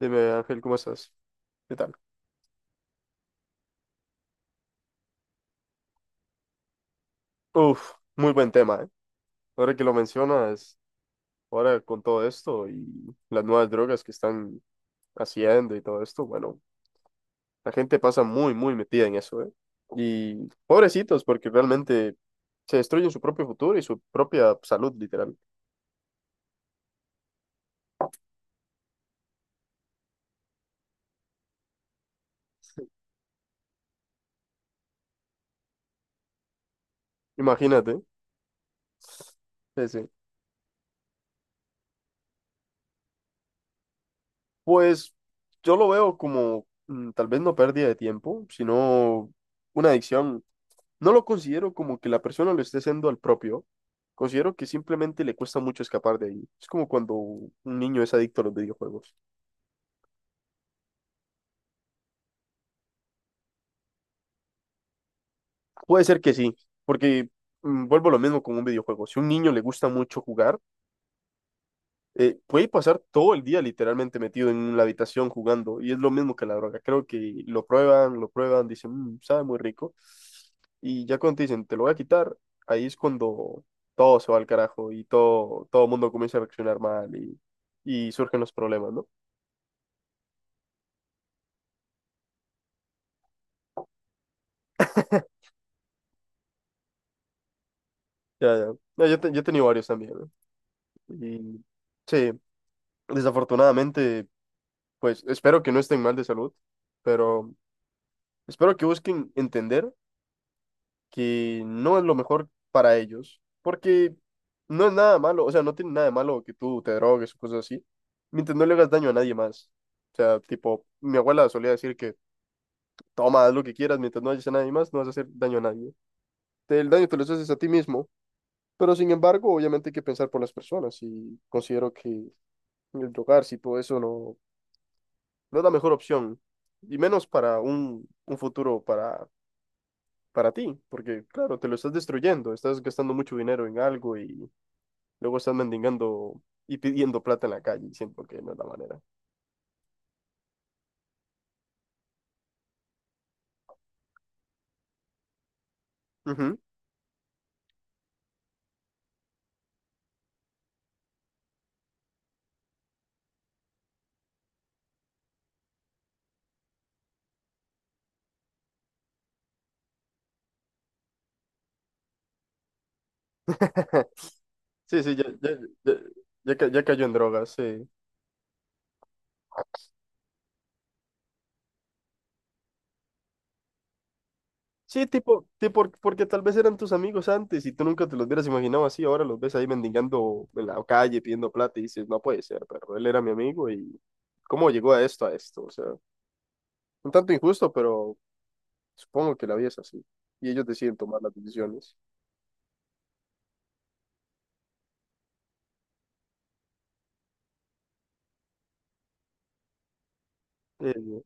Dime, Ángel, ¿cómo estás? ¿Qué tal? Uf, muy buen tema, ¿eh? Ahora que lo mencionas, ahora con todo esto y las nuevas drogas que están haciendo y todo esto, bueno, la gente pasa muy, muy metida en eso, ¿eh? Y pobrecitos, porque realmente se destruyen su propio futuro y su propia salud, literal. Imagínate. Sí, sí. Pues yo lo veo como tal vez no pérdida de tiempo, sino una adicción. No lo considero como que la persona lo esté haciendo al propio. Considero que simplemente le cuesta mucho escapar de ahí. Es como cuando un niño es adicto a los videojuegos. Puede ser que sí, porque vuelvo a lo mismo con un videojuego. Si a un niño le gusta mucho jugar, puede pasar todo el día literalmente metido en la habitación jugando y es lo mismo que la droga. Creo que lo prueban, dicen, "Mm, sabe muy rico". Y ya cuando te dicen, te lo voy a quitar, ahí es cuando todo se va al carajo y todo, todo el mundo comienza a reaccionar mal y surgen los problemas, ¿no? Ya, ya. No, yo, yo he tenido varios también, ¿no? Y sí, desafortunadamente, pues espero que no estén mal de salud, pero espero que busquen entender que no es lo mejor para ellos, porque no es nada malo, o sea, no tiene nada de malo que tú te drogues o cosas así, mientras no le hagas daño a nadie más. O sea, tipo, mi abuela solía decir que toma, haz lo que quieras, mientras no hagas a nadie más, no vas a hacer daño a nadie. El daño te lo haces a ti mismo, pero sin embargo, obviamente hay que pensar por las personas y considero que el drogarse y todo eso no, no es la mejor opción, y menos para un futuro para ti, porque claro, te lo estás destruyendo, estás gastando mucho dinero en algo. Y luego están mendigando y pidiendo plata en la calle, siento que no es la manera. Ujú. Sí, sí, ya, ya, ya, ya cayó en drogas, sí. Sí, tipo, tipo, porque tal vez eran tus amigos antes y tú nunca te los hubieras imaginado así, ahora los ves ahí mendigando en la calle pidiendo plata y dices, no puede ser, pero él era mi amigo y cómo llegó a esto, o sea, un tanto injusto, pero supongo que la vida es así y ellos deciden tomar las decisiones. Eh,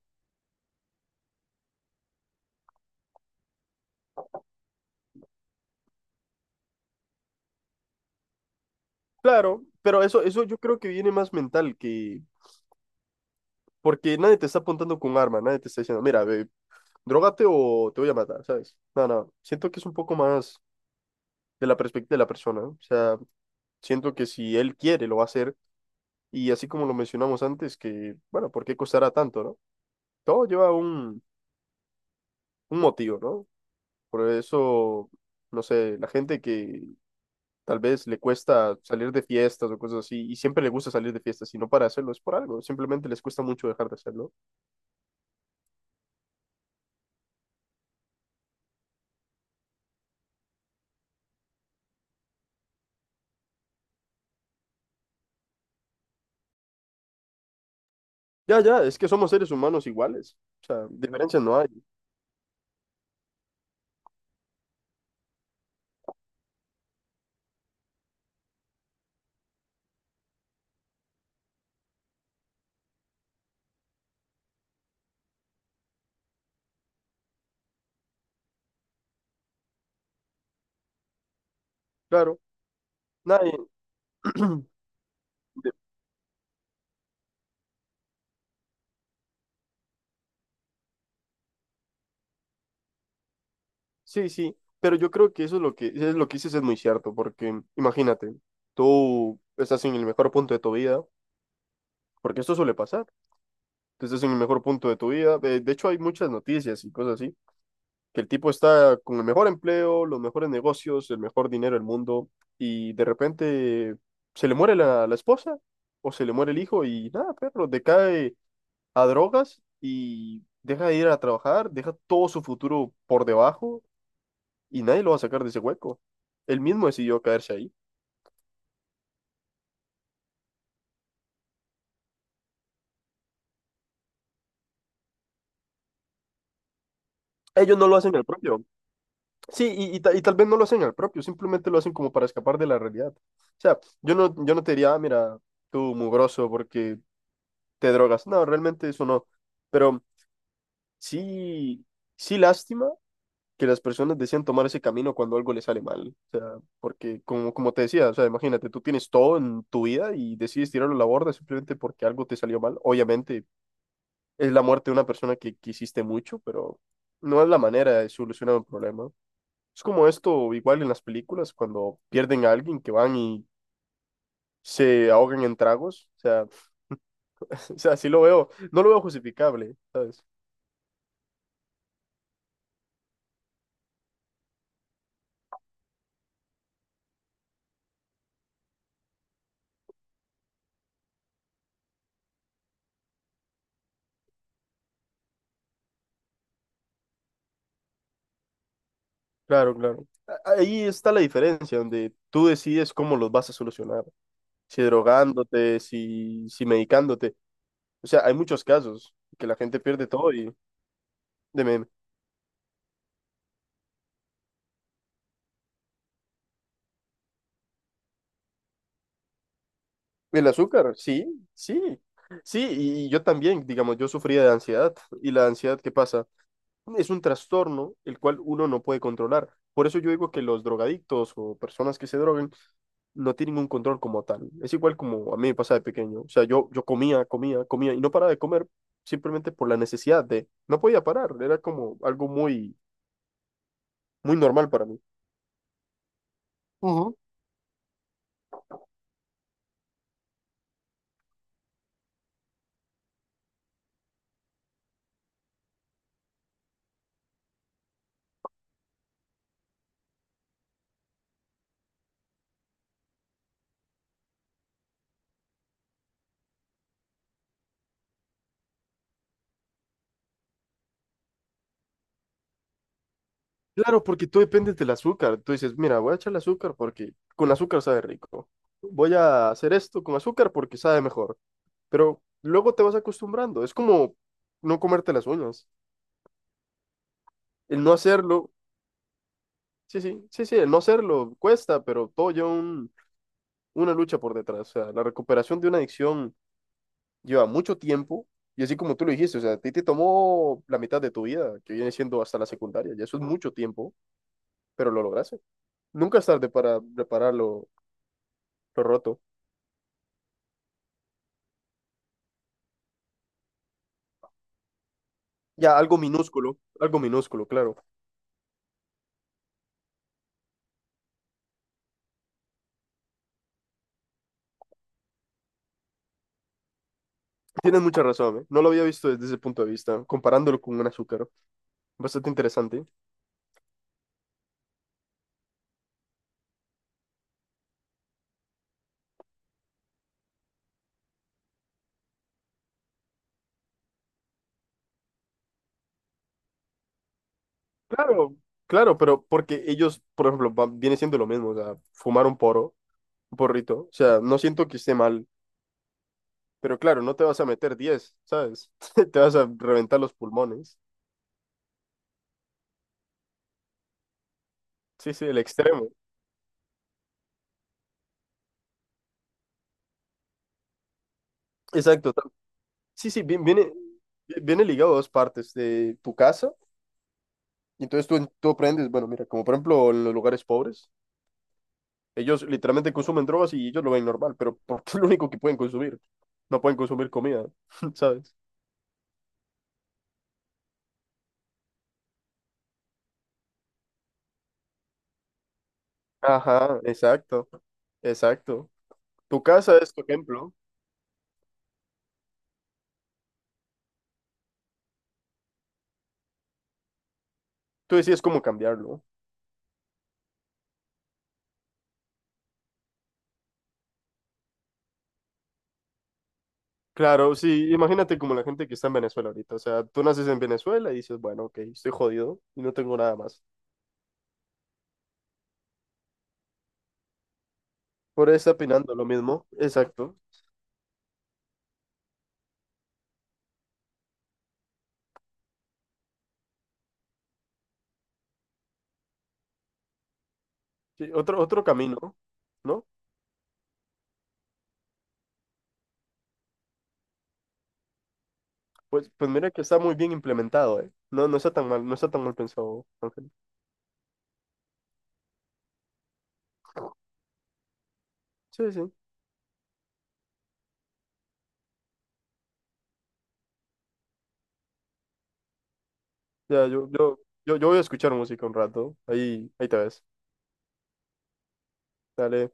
claro, pero eso yo creo que viene más mental que. Porque nadie te está apuntando con un arma, nadie te está diciendo, mira, ve, drogate o te voy a matar, ¿sabes? No, no, siento que es un poco más de la perspectiva de la persona, ¿no? O sea, siento que si él quiere, lo va a hacer. Y así como lo mencionamos antes, que, bueno, ¿por qué costará tanto, no? Todo lleva un motivo, ¿no? Por eso, no sé, la gente que tal vez le cuesta salir de fiestas o cosas así, y siempre le gusta salir de fiestas, y no para hacerlo, es por algo, simplemente les cuesta mucho dejar de hacerlo. Ya, ya, es que somos seres humanos iguales, o sea, diferencias no hay. Claro, nadie. de- Sí, sí, pero yo creo que eso es lo que dices es muy cierto, porque imagínate, tú estás en el mejor punto de tu vida, porque esto suele pasar, tú estás en el mejor punto de tu vida, de hecho hay muchas noticias y cosas así, que el tipo está con el mejor empleo, los mejores negocios, el mejor dinero del mundo, y de repente se le muere la esposa o se le muere el hijo y nada, perro, decae a drogas y deja de ir a trabajar, deja todo su futuro por debajo y nadie lo va a sacar de ese hueco. Él mismo decidió caerse ahí. Ellos no lo hacen al propio. Sí, y y tal vez no lo hacen al propio, simplemente lo hacen como para escapar de la realidad. O sea, yo no, yo no te diría, "Ah, mira, tú mugroso porque te drogas". No, realmente eso no. Pero sí, sí lástima que las personas decían tomar ese camino cuando algo les sale mal. O sea, porque como, como te decía, o sea, imagínate, tú tienes todo en tu vida y decides tirarlo a la borda simplemente porque algo te salió mal. Obviamente es la muerte de una persona que quisiste mucho, pero no es la manera de solucionar un problema. Es como esto, igual en las películas, cuando pierden a alguien que van y se ahogan en tragos. O sea, o sea, sí lo veo, no lo veo justificable, ¿sabes? Claro, claro. Ahí está la diferencia, donde tú decides cómo los vas a solucionar. Si drogándote, si, si medicándote. O sea, hay muchos casos que la gente pierde todo y… Dime. El azúcar, sí, sí, sí, y yo también, digamos, yo sufría de ansiedad. ¿Y la ansiedad qué pasa? Es un trastorno el cual uno no puede controlar. Por eso yo digo que los drogadictos o personas que se drogan no tienen un control como tal. Es igual como a mí me pasa de pequeño. O sea, yo comía, comía, comía y no paraba de comer simplemente por la necesidad de… No podía parar, era como algo muy, muy normal para mí. Claro, porque tú dependes del azúcar. Tú dices, mira, voy a echarle azúcar porque con azúcar sabe rico. Voy a hacer esto con azúcar porque sabe mejor. Pero luego te vas acostumbrando. Es como no comerte las uñas. El no hacerlo, sí, sí, sí, sí, el no hacerlo cuesta, pero todo lleva una lucha por detrás. O sea, la recuperación de una adicción lleva mucho tiempo. Y así como tú lo dijiste, o sea, a ti te tomó la mitad de tu vida, que viene siendo hasta la secundaria. Y eso es mucho tiempo, pero lo lograste. Nunca es tarde para reparar lo roto. Ya, algo minúsculo, claro. Tienes mucha razón, ¿eh? No lo había visto desde ese punto de vista, comparándolo con un azúcar. Bastante interesante. Claro, claro, pero porque ellos, por ejemplo, viene siendo lo mismo, o sea, fumar un poro, un porrito, o sea, no siento que esté mal, pero claro, no te vas a meter 10, ¿sabes? Te vas a reventar los pulmones. Sí, sí, el extremo. Exacto. Sí, sí, viene, viene ligado a dos partes de tu casa, y entonces tú aprendes, bueno, mira, como por ejemplo en los lugares pobres. Ellos literalmente consumen drogas y ellos lo ven normal, pero porque es lo único que pueden consumir. No pueden consumir comida, ¿sabes? Ajá, exacto, exacto. Tu casa es tu ejemplo. Tú decides cómo cambiarlo. Claro, sí, imagínate como la gente que está en Venezuela ahorita. O sea, tú naces en Venezuela y dices, bueno, ok, estoy jodido y no tengo nada más. Por ahí está opinando lo mismo, exacto. Sí, otro, otro camino, ¿no? Pues, pues mira que está muy bien implementado, ¿eh? No, no está tan mal, no está tan mal pensado, Ángel. Sí, sí. Ya, yo voy a escuchar música un rato. Ahí, ahí te ves. Dale.